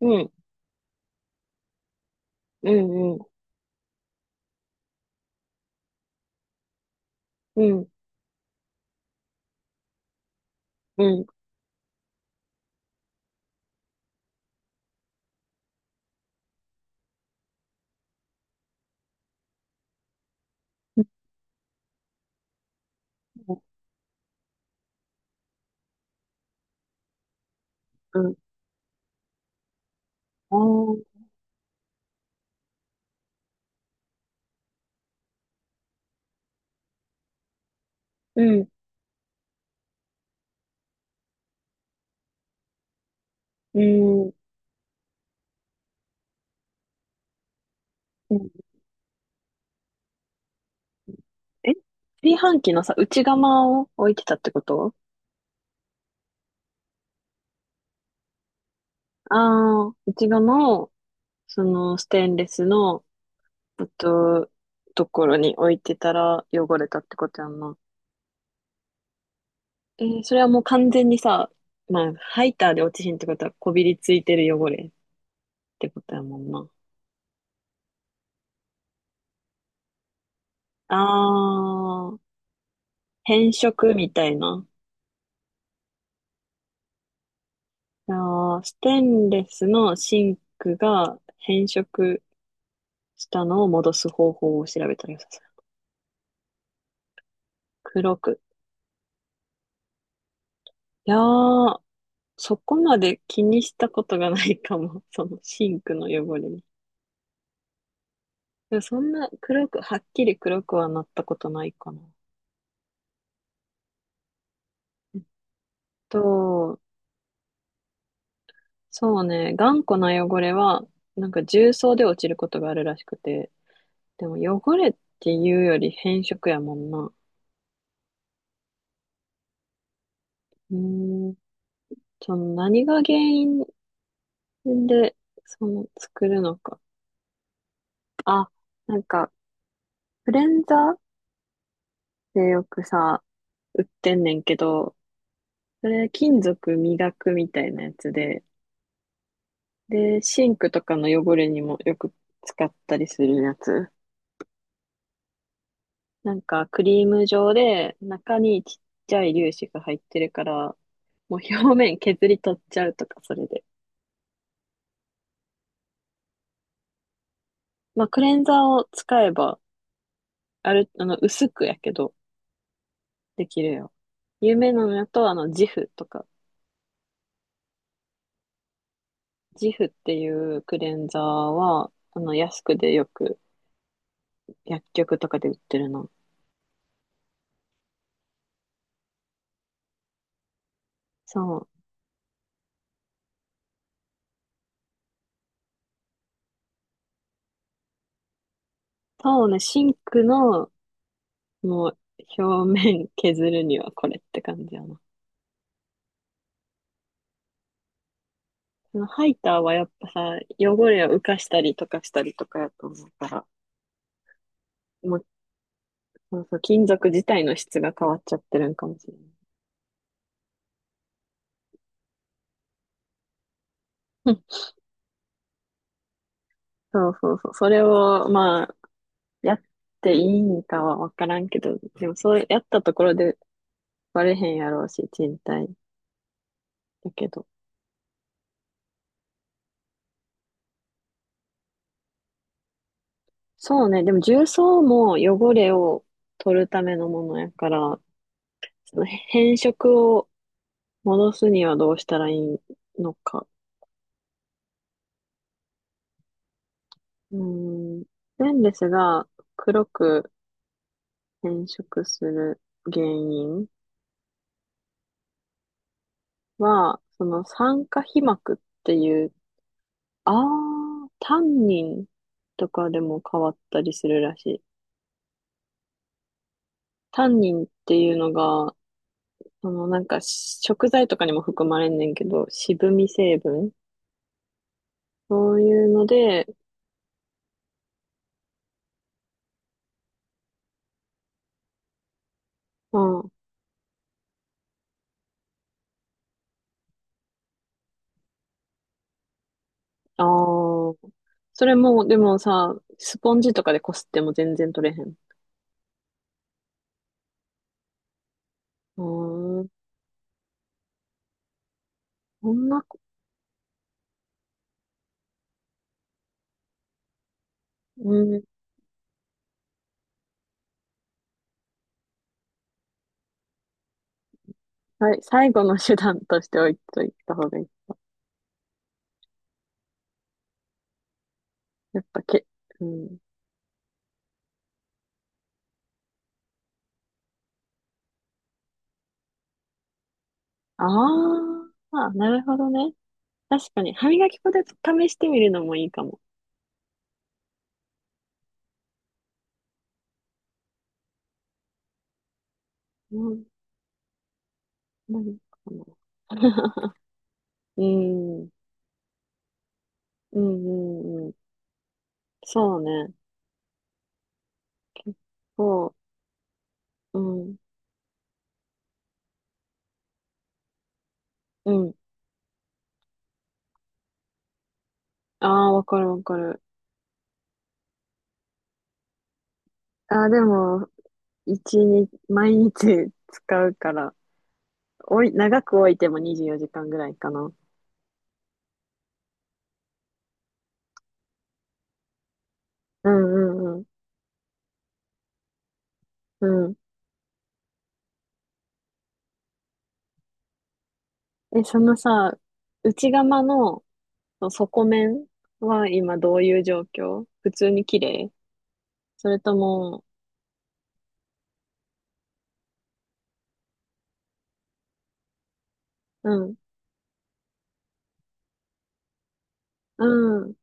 うん、うん、うん、うん、うん、うん、あー、うん、うん、うん。え、炊飯器のさ、内釜を置いてたってこと？ああー、内釜を、その、ステンレスの、えっと、ところに置いてたら汚れたってことやんな。それはもう完全にさ、まあ、ハイターで落ちひんってことは、こびりついてる汚れってことやもんな。ああ、変色みたいな。あー、ステンレスのシンクが変色したのを戻す方法を調べたらよさそう。黒く。いやー、そこまで気にしたことがないかも。そのシンクの汚れに。でもそんな黒く、はっきり黒くはなったことないかな。えっと、そうね、頑固な汚れは、なんか重曹で落ちることがあるらしくて、でも汚れっていうより変色やもんな。うーん、その何が原因んで、その、作るのか。あ、なんか、クレンザーでよくさ、売ってんねんけど、それ金属磨くみたいなやつで、で、シンクとかの汚れにもよく使ったりするやつ。なんか、クリーム状で、中にちっちゃい粒子が入ってるから、もう表面削り取っちゃうとか、それで。まあ、クレンザーを使えば、ある、あの、薄くやけど、できるよ。有名なのやと、ジフとか。ジフっていうクレンザーは、安くでよく薬局とかで売ってるの。そう。そうね、シンクの、もう、表面削るにはこれって感じやな。そのハイターはやっぱさ、汚れを浮かしたりとかしたりとかやと思うから、もう、そうそう、金属自体の質が変わっちゃってるんかもしれない。うん、そうそうそう。それを、まあ、やっていいんかはわからんけど、でもそうやったところでバレへんやろうし、賃貸だけど。そうね。でも重曹も汚れを取るためのものやから、その変色を戻すにはどうしたらいいのか。うーん。レンレスが黒く変色する原因は、その酸化皮膜っていう、タンニンとかでも変わったりするらしい。タンニンっていうのが、そのなんか食材とかにも含まれんねんけど、渋み成分そういうので、うん。ああ。それも、でもさ、スポンジとかでこすっても全然取れへん。うーん。そんなこ、うん。はい、最後の手段として置いといた方がいい。やっぱけ、うん。ああ、なるほどね。確かに、歯磨き粉で試してみるのもいいかも。うん。何かな。うん。うんうんうん。そうね。結構、うん。うん。ああ、わかるわかる。ああ、でも、一日、毎日使うから、長く置いても24時間ぐらいかな。うんうんうん。うん。え、そのさ、内釜のその底面は今どういう状況？普通に綺麗？それとも、うん、うん。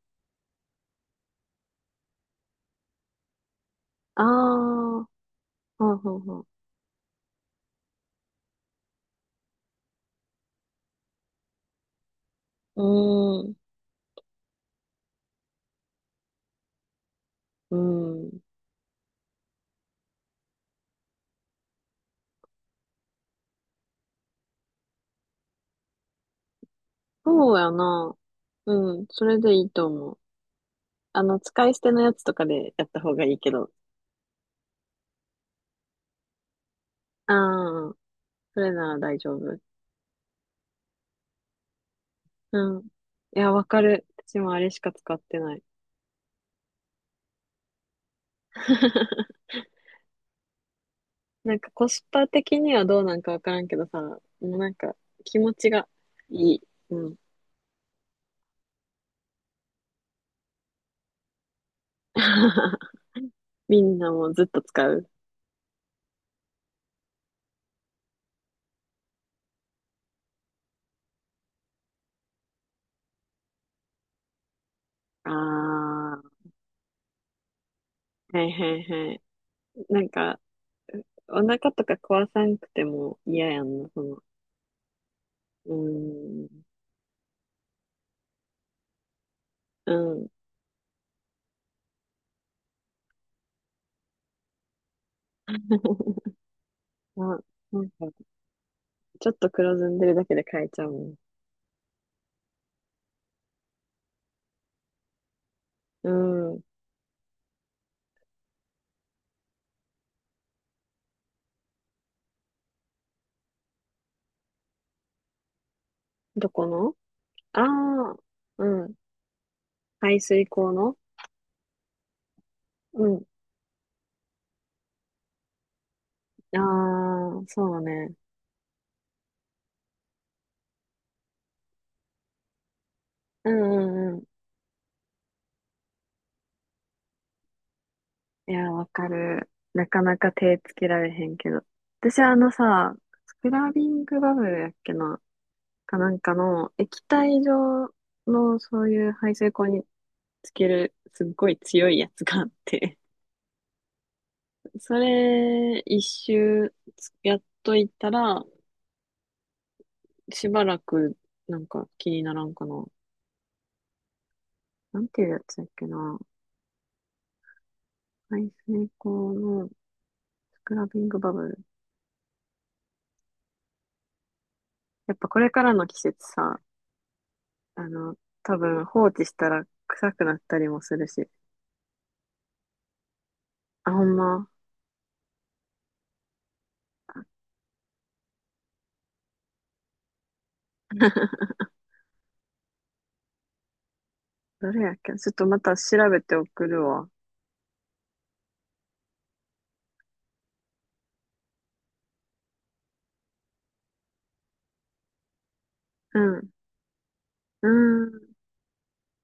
ああ、ほうほうほう。うーん、うん。そうやな。うん、それでいいと思う。使い捨てのやつとかでやった方がいいけど。ああ、それなら大丈夫。うん。いや、わかる。私もあれしか使ってない。なんかコスパ的にはどうなんかわからんけどさ、もうなんか気持ちがいい。うん。みんなもずっと使う。ああ、はいはいはい。なんか、お腹とか壊さんくても嫌やんな、その。うーん。うん。あ、なんか、ちょっと黒ずんでるだけで変えちゃうもん。うん。どこの？ああー、うん。排水口の、うん、ああ、そうね。うんうんうん。いや、わかる。なかなか手つけられへんけど。私あのさ、スクラビングバブルやっけな、かなんかの液体状のそういう排水口につけるすっごい強いやつがあって、それ一周やっといたら、しばらくなんか気にならんかな。なんていうやつやっけな。排水口のスクラビングバブル。やっぱこれからの季節さ、あの、多分放置したら臭くなったりもするし。あ、ほんま。どれやっけ？ちょっとまた調べて送るわ。うん。うん。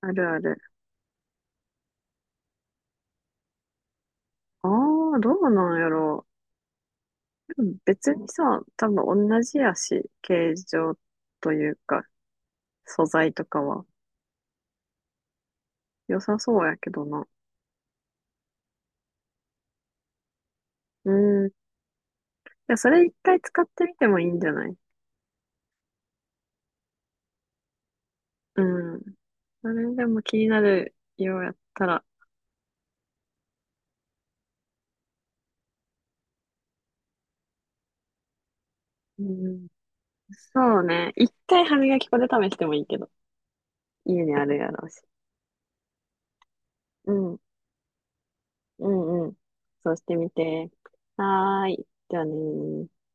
あるある。ああ、どうなんやろう。でも別にさ、多分同じやし、形状というか、素材とかは。良さそうやけどな。うん。いや、それ一回使ってみてもいいんじゃない？うん。それでも気になるようやったら。うん。そうね。一回歯磨き粉で試してもいいけど。家にあるやろうし。うん、うん、うん。そうしてみて。はーい。じゃあねー。